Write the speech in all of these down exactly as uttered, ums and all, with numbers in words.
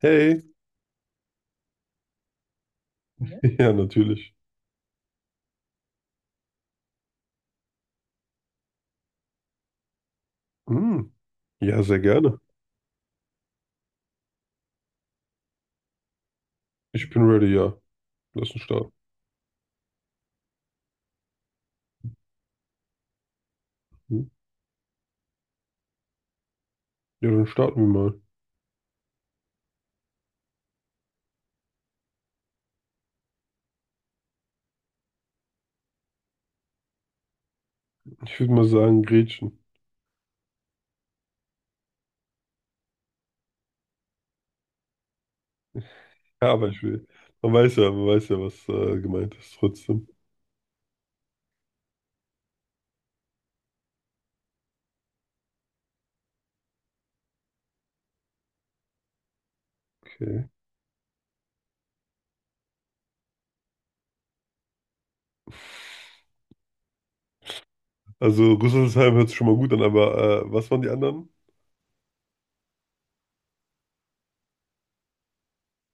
Hey. Ja. Ja, natürlich. Hm. Ja, sehr gerne. Ich bin ready, ja. Lass uns starten. Hm. Ja, dann starten wir mal. Ich würde mal sagen, Gretchen. Ja, aber ich will. Man weiß ja, man weiß ja, was äh, gemeint ist, trotzdem. Okay. Also Rüsselsheim hört sich schon mal gut an, aber äh, was waren die anderen?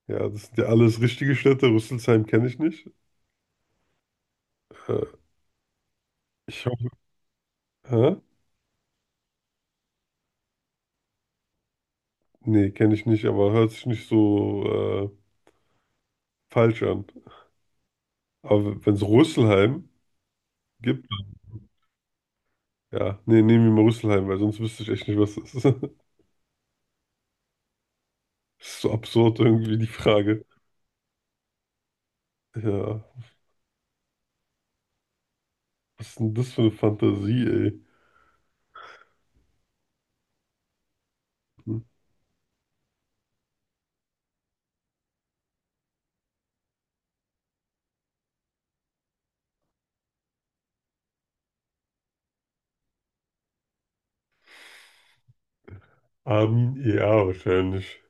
Ja, das sind ja alles richtige Städte. Rüsselsheim kenne ich nicht. Äh, ich hoffe. Hä? Nee, kenne ich nicht, aber hört sich nicht so äh, falsch an. Aber wenn es Rüsselsheim gibt. Ja, nee, nehmen wir mal Rüsselheim, weil sonst wüsste ich echt nicht, was das ist. Das ist so absurd irgendwie, die Frage. Ja, was ist denn das für eine Fantasie, ey? Hm. Armin, ja, wahrscheinlich.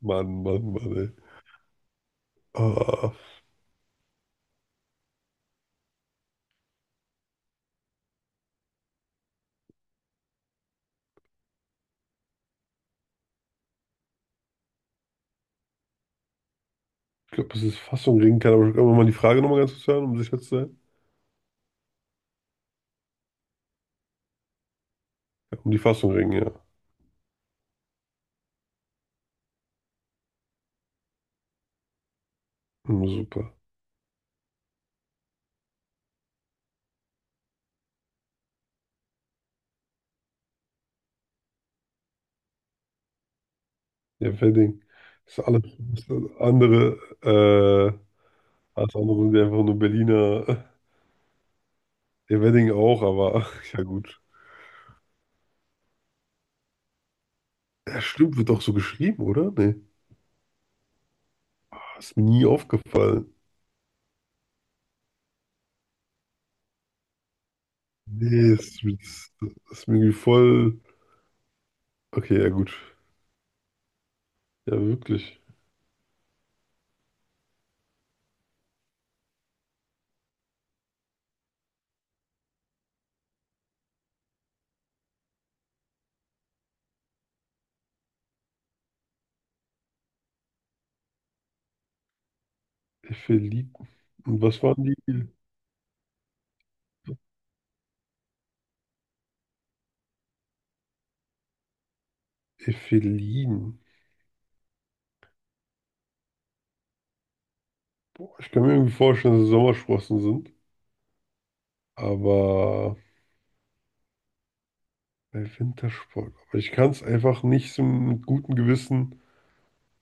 Mann, Mann, Mann, ey. Ah, ich glaube, das ist Fassung ringen kann, aber kann man mal die Frage nochmal ganz kurz hören, um sicher zu sein? Ja, um die Fassung ringen, ja. Hm, super. Ja, Wedding. Das ist alles das ist andere, äh, alles andere sind ja einfach nur Berliner. Ja, Wedding auch, aber ja gut. Ja, stimmt, wird auch so geschrieben, oder? Nee. Ist mir nie aufgefallen. Nee, ist, ist, ist mir irgendwie voll. Okay, ja gut. Ja, wirklich. Ephelin. Und was waren die? Ephelin. Ich kann mir irgendwie vorstellen, dass es Sommersprossen sind. Aber bei Wintersport. Aber ich kann es einfach nicht so mit gutem Gewissen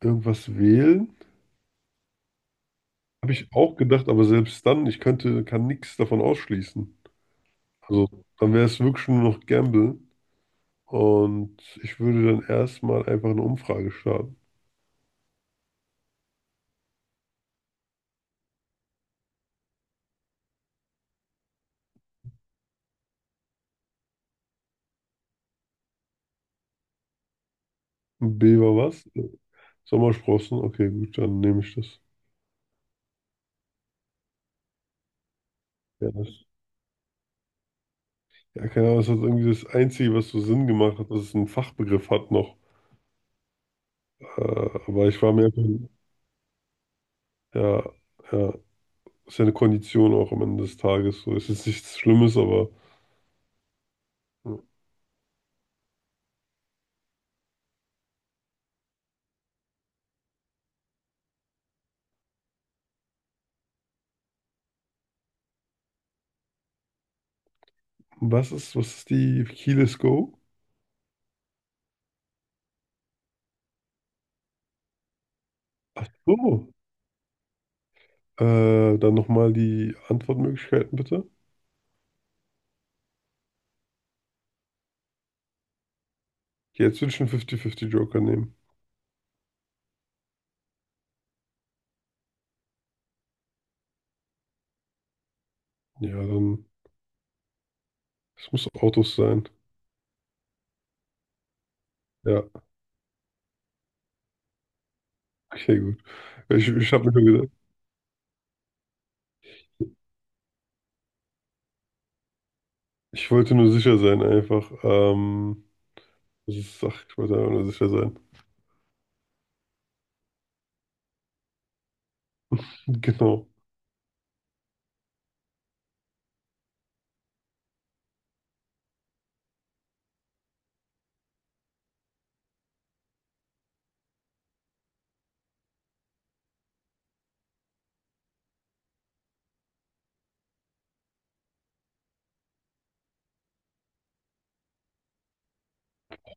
irgendwas wählen. Habe ich auch gedacht, aber selbst dann, ich könnte, kann nichts davon ausschließen. Also, dann wäre es wirklich nur noch Gamble. Und ich würde dann erstmal einfach eine Umfrage starten. Beber was? Sommersprossen? Okay, gut, dann nehme ich das. Ja, das. Ja, keine Ahnung, das ist irgendwie das Einzige, was so Sinn gemacht hat, dass es einen Fachbegriff hat noch. Äh, aber ich war mir einfach, ja, ja, ist ja eine Kondition auch am Ende des Tages. So ist jetzt nichts Schlimmes, aber hm, was ist, was ist die Keyless Go? Oh, äh, dann nochmal die Antwortmöglichkeiten bitte. Okay, jetzt würde ich einen fünfzig fünfzig Joker nehmen. Ja, dann, es muss Autos sein. Ja, okay, gut. Ich, ich habe mir schon gedacht. Ich wollte nur sicher sein, einfach. Ähm, das ist, ach, ich wollte einfach nur sicher sein. Genau.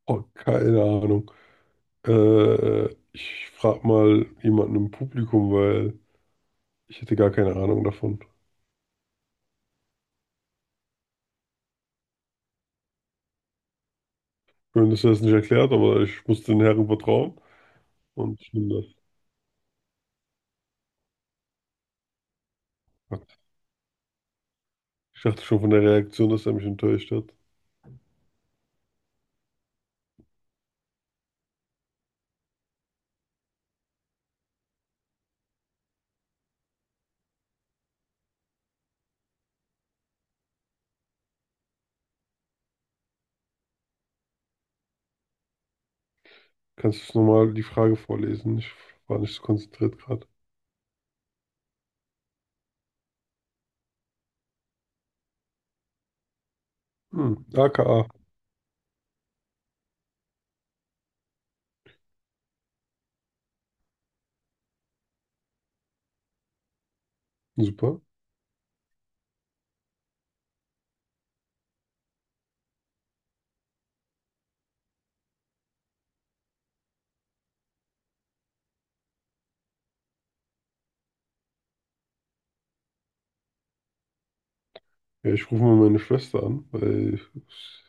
Oh, keine Ahnung. Äh, ich frage mal jemanden im Publikum, weil ich hätte gar keine Ahnung davon. Schön, dass er es nicht erklärt, aber ich muss den Herren vertrauen. Und ich nehme das. Ich dachte schon von der Reaktion, dass er mich enttäuscht hat. Kannst du nochmal die Frage vorlesen? Ich war nicht so konzentriert gerade. Hm, A K A. Super. Ja, ich rufe mal meine Schwester an, weil ich,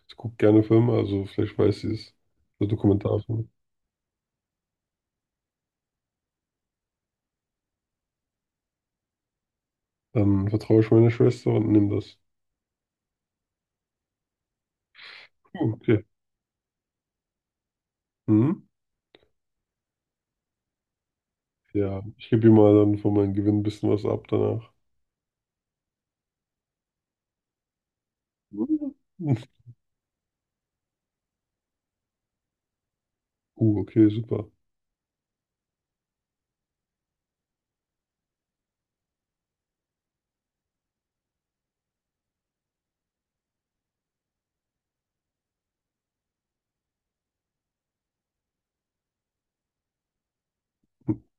ich gucke gerne Filme, also vielleicht weiß sie es. So Dokumentarfilme. Dann vertraue ich meiner Schwester und nehme das. Puh, okay. Mhm. Ja, ich gebe ihr mal dann von meinem Gewinn ein bisschen was ab danach. Mhm. Uh, okay, super.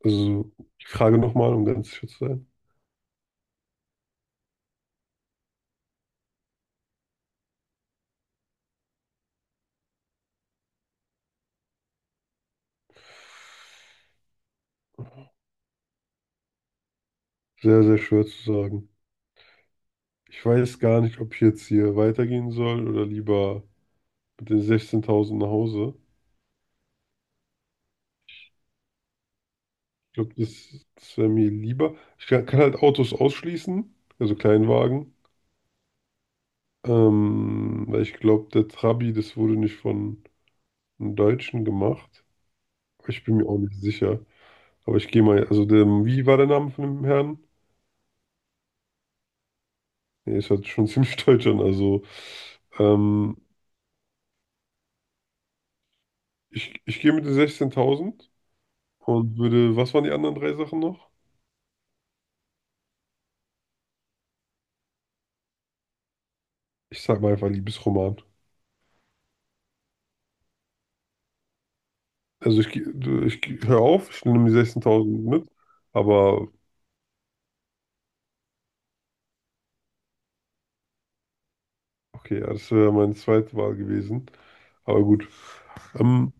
Also, ich frage nochmal, um ganz sicher zu sein. Sehr, sehr schwer zu sagen. Ich weiß gar nicht, ob ich jetzt hier weitergehen soll oder lieber mit den sechzehntausend nach Hause. Ich glaube, das, das wäre mir lieber. Ich kann, kann halt Autos ausschließen, also Kleinwagen. Ähm, weil ich glaube, der Trabi, das wurde nicht von einem Deutschen gemacht. Aber ich bin mir auch nicht sicher. Aber ich gehe mal, also der, wie war der Name von dem Herrn? Nee, es hat schon ziemlich deutsch an. Also ähm, ich, ich gehe mit den sechzehntausend und würde, was waren die anderen drei Sachen noch? Ich sag mal einfach Liebesroman. Also ich, geh- du- ich geh- hör auf, ich nehme die sechzehntausend mit. Aber okay, ja, das wäre meine zweite Wahl gewesen. Aber gut. Ähm,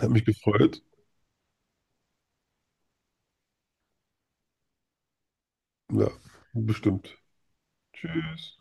hat mich gefreut. Ja, bestimmt. Tschüss.